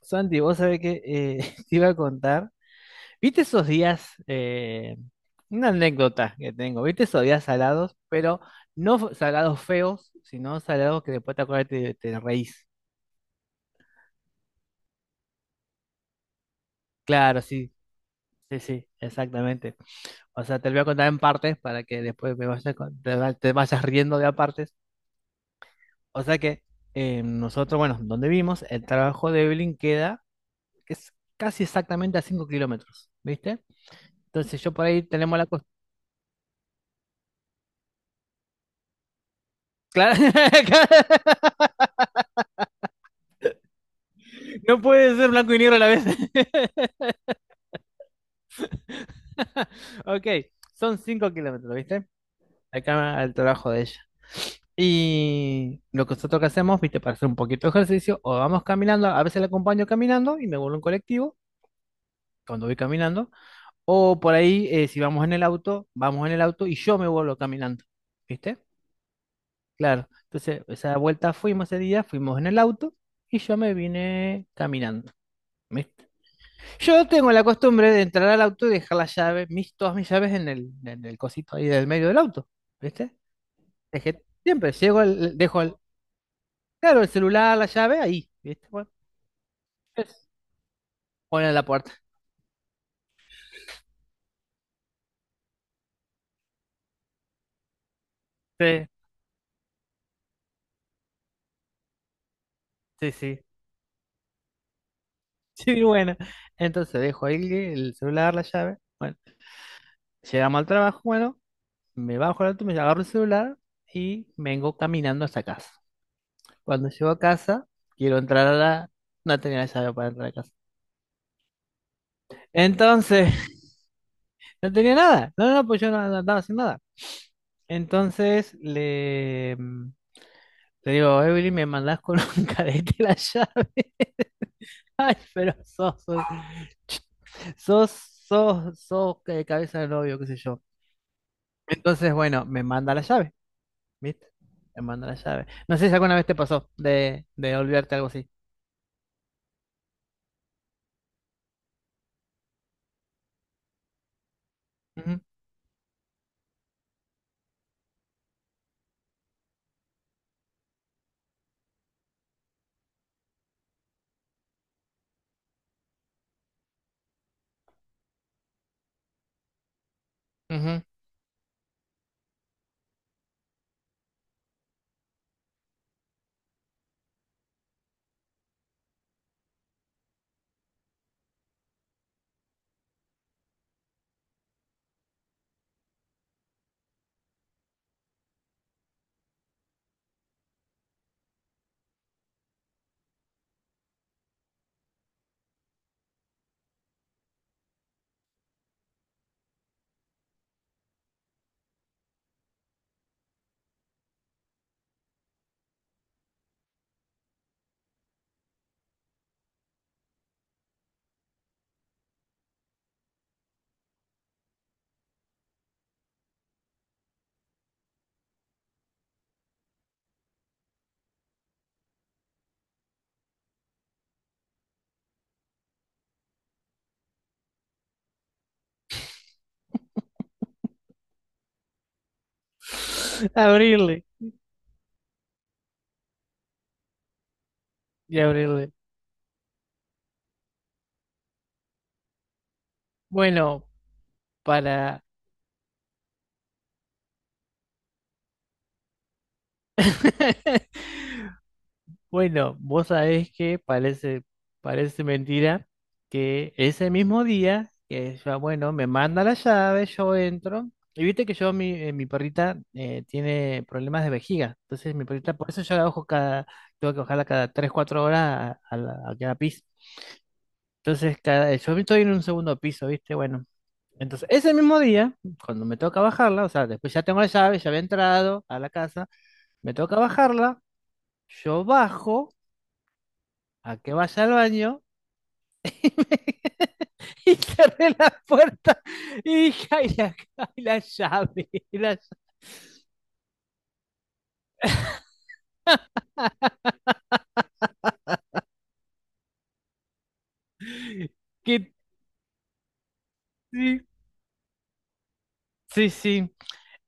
Santi, vos sabés que te iba a contar. ¿Viste esos días? Una anécdota que tengo. ¿Viste esos días salados? Pero no f- salados feos, sino salados que después te acuerdas y te reís. Claro, sí, sí, sí, exactamente. O sea, te lo voy a contar en partes para que después me vayas con- te, va- te vayas riendo de a partes. O sea que nosotros, bueno, donde vimos, el trabajo de Evelyn queda que es casi exactamente a 5 kilómetros, ¿viste? Entonces yo por ahí tenemos la costumbre. Claro, no puede ser blanco y negro a la vez. Ok, son 5 kilómetros, ¿viste? Acá al trabajo de ella. Y lo que nosotros que hacemos, ¿viste? Para hacer un poquito de ejercicio, o vamos caminando, a veces la acompaño caminando y me vuelvo en colectivo cuando voy caminando, o por ahí, si vamos en el auto, vamos en el auto y yo me vuelvo caminando, ¿viste? Claro, entonces esa vuelta fuimos ese día, fuimos en el auto y yo me vine caminando. ¿Viste? Yo tengo la costumbre de entrar al auto y dejar las llaves, todas mis llaves en en el cosito ahí del medio del auto, ¿viste? Dejé, siempre llego, dejo el, claro, el celular, la llave ahí, ¿viste? Bueno, es, ponen la puerta. Sí, sí, sí. Sí, bueno. Entonces dejo ahí el celular, la llave. Bueno, llegamos al trabajo, bueno, me bajo al auto, me agarro el celular y vengo caminando hasta casa. Cuando llego a casa, quiero entrar a la... No tenía la llave para entrar a casa. Entonces, no tenía nada. No, no, no, pues yo no, no andaba sin nada. Entonces le digo, Evelyn, me mandás con un cadete la llave. Ay, pero sos, sos, cabeza de novio, qué sé yo. Entonces, bueno, me manda la llave, ¿viste? Me manda la llave. No sé si alguna vez te pasó de olvidarte algo así. Ujú, ujú. Abrirle y abrirle. Bueno, para. Bueno, vos sabés que parece, parece mentira que ese mismo día, que yo, bueno, me manda la llave, yo entro, y viste que yo, mi, mi perrita tiene problemas de vejiga, entonces mi perrita, por eso yo la ojo cada, tengo que bajarla cada 3 4 horas a, a cada piso. Entonces, cada, yo estoy en un segundo piso, viste, bueno. Entonces, ese mismo día, cuando me toca bajarla, o sea, después ya tengo la llave, ya había entrado a la casa, me toca bajarla, yo bajo a que vaya al baño y, me- y cerré la puerta y dije, ay, la llave, la llave". Que- sí, sí, sí.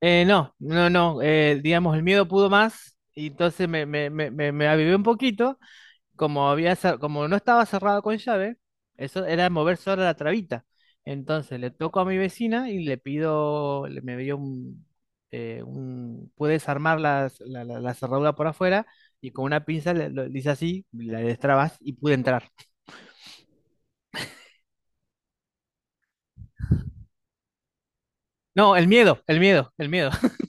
No, no, no, digamos, el miedo pudo más y entonces me avivé un poquito como había, como no estaba cerrado con llave, eso era mover sola la trabita. Entonces le toco a mi vecina y le pido, me dio un, pude desarmar la cerradura por afuera y con una pinza le hice así, la destrabas y pude entrar. No, el miedo, el miedo, el miedo.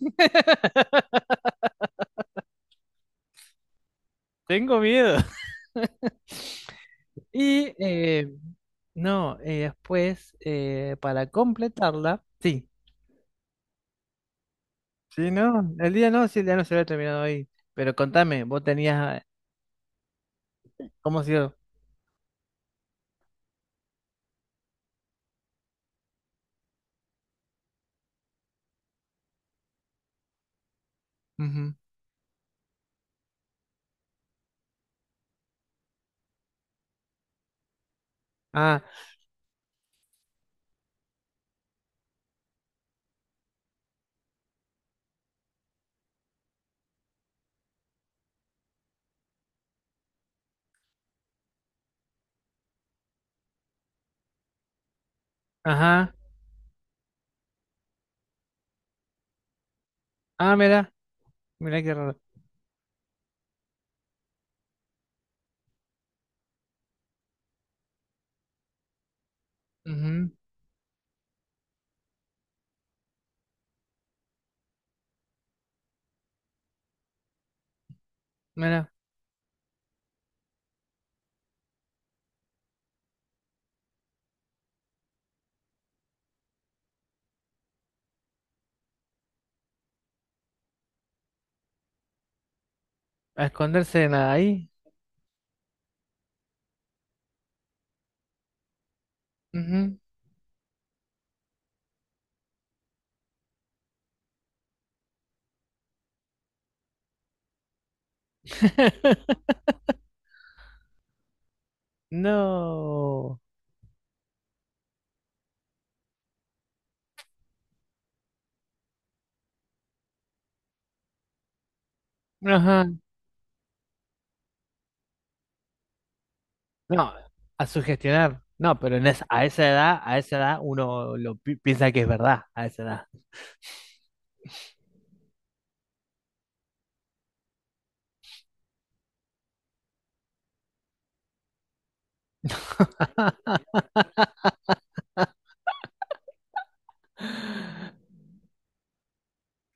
Tengo miedo. Y no, después, para completarla, sí. Sí, no, el día no, sí, el día no se había terminado ahí. Pero contame, vos tenías ¿cómo ha sido? Ujú. Ah, ajá. Ah, mira. Mira qué raro. Ujú. Mira. A esconderse en ahí. Ujú. No. Ajá. No. A sugestionar. No, pero a esa edad uno piensa que es verdad, a esa edad.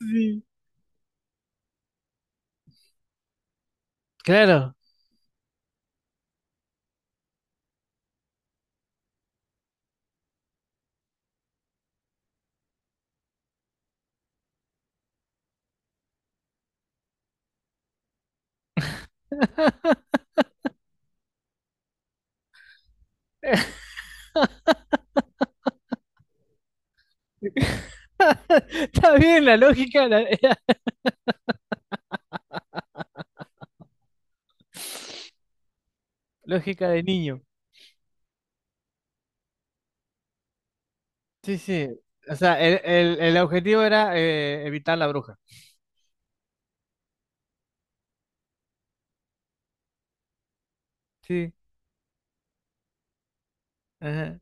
Sí. Claro. Está bien la lógica, la lógica de niño. Sí, sí. O sea, el objetivo era evitar la bruja. Sí. Ajá.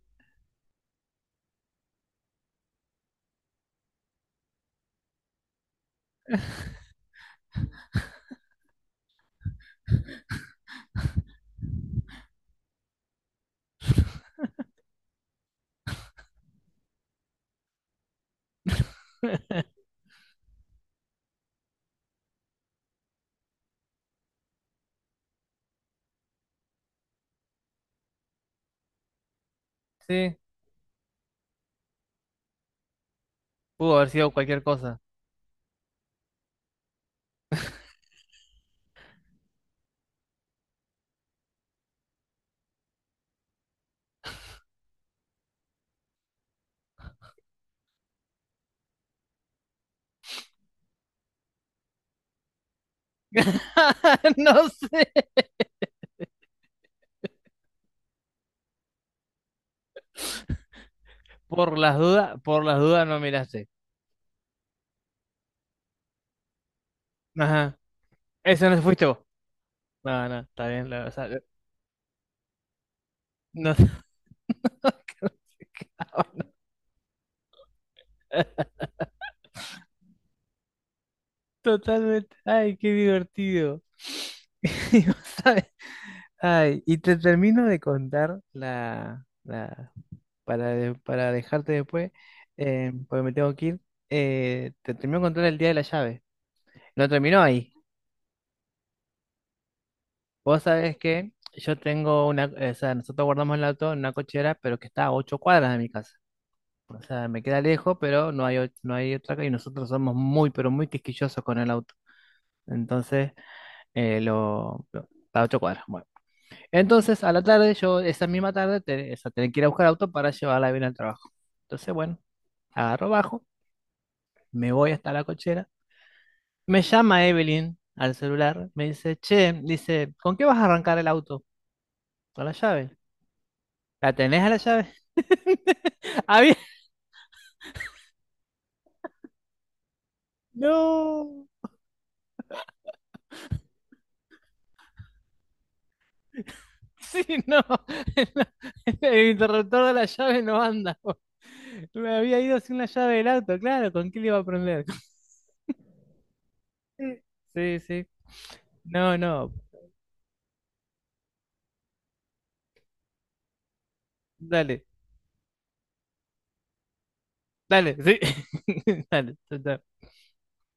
Sí. Pudo haber sido cualquier cosa. No sé. Por las dudas no miraste. Ajá. Eso no fuiste vos. No, no, está bien. O sea, no sé totalmente. Ay, qué divertido. Y vos sabés- ay, y te termino de contar la, la para, para dejarte después, porque me tengo que ir. Te termino de contar el día de la llave. No terminó ahí. Vos sabés que yo tengo una, o sea, nosotros guardamos el auto en una cochera, pero que está a 8 cuadras de mi casa. O sea, me queda lejos, pero no hay, no hay otra calle. Y nosotros somos muy, pero muy quisquillosos con el auto. Entonces, eh, lo, lo- a 8 cuadras. Bueno. Entonces, a la tarde, yo esa misma tarde, o sea, tenía que ir a buscar auto para llevarla bien al trabajo. Entonces, bueno, agarro bajo, me voy hasta la cochera. Me llama Evelyn al celular, me dice, che, dice, ¿con qué vas a arrancar el auto? Con la llave. ¿La tenés a la llave? Había- no. Sí, no. El interruptor de la llave no anda. Me había ido sin la llave del auto, claro. ¿Con qué le iba a prender? Sí, sí. No, no. Dale, dale, sí. Dale, total.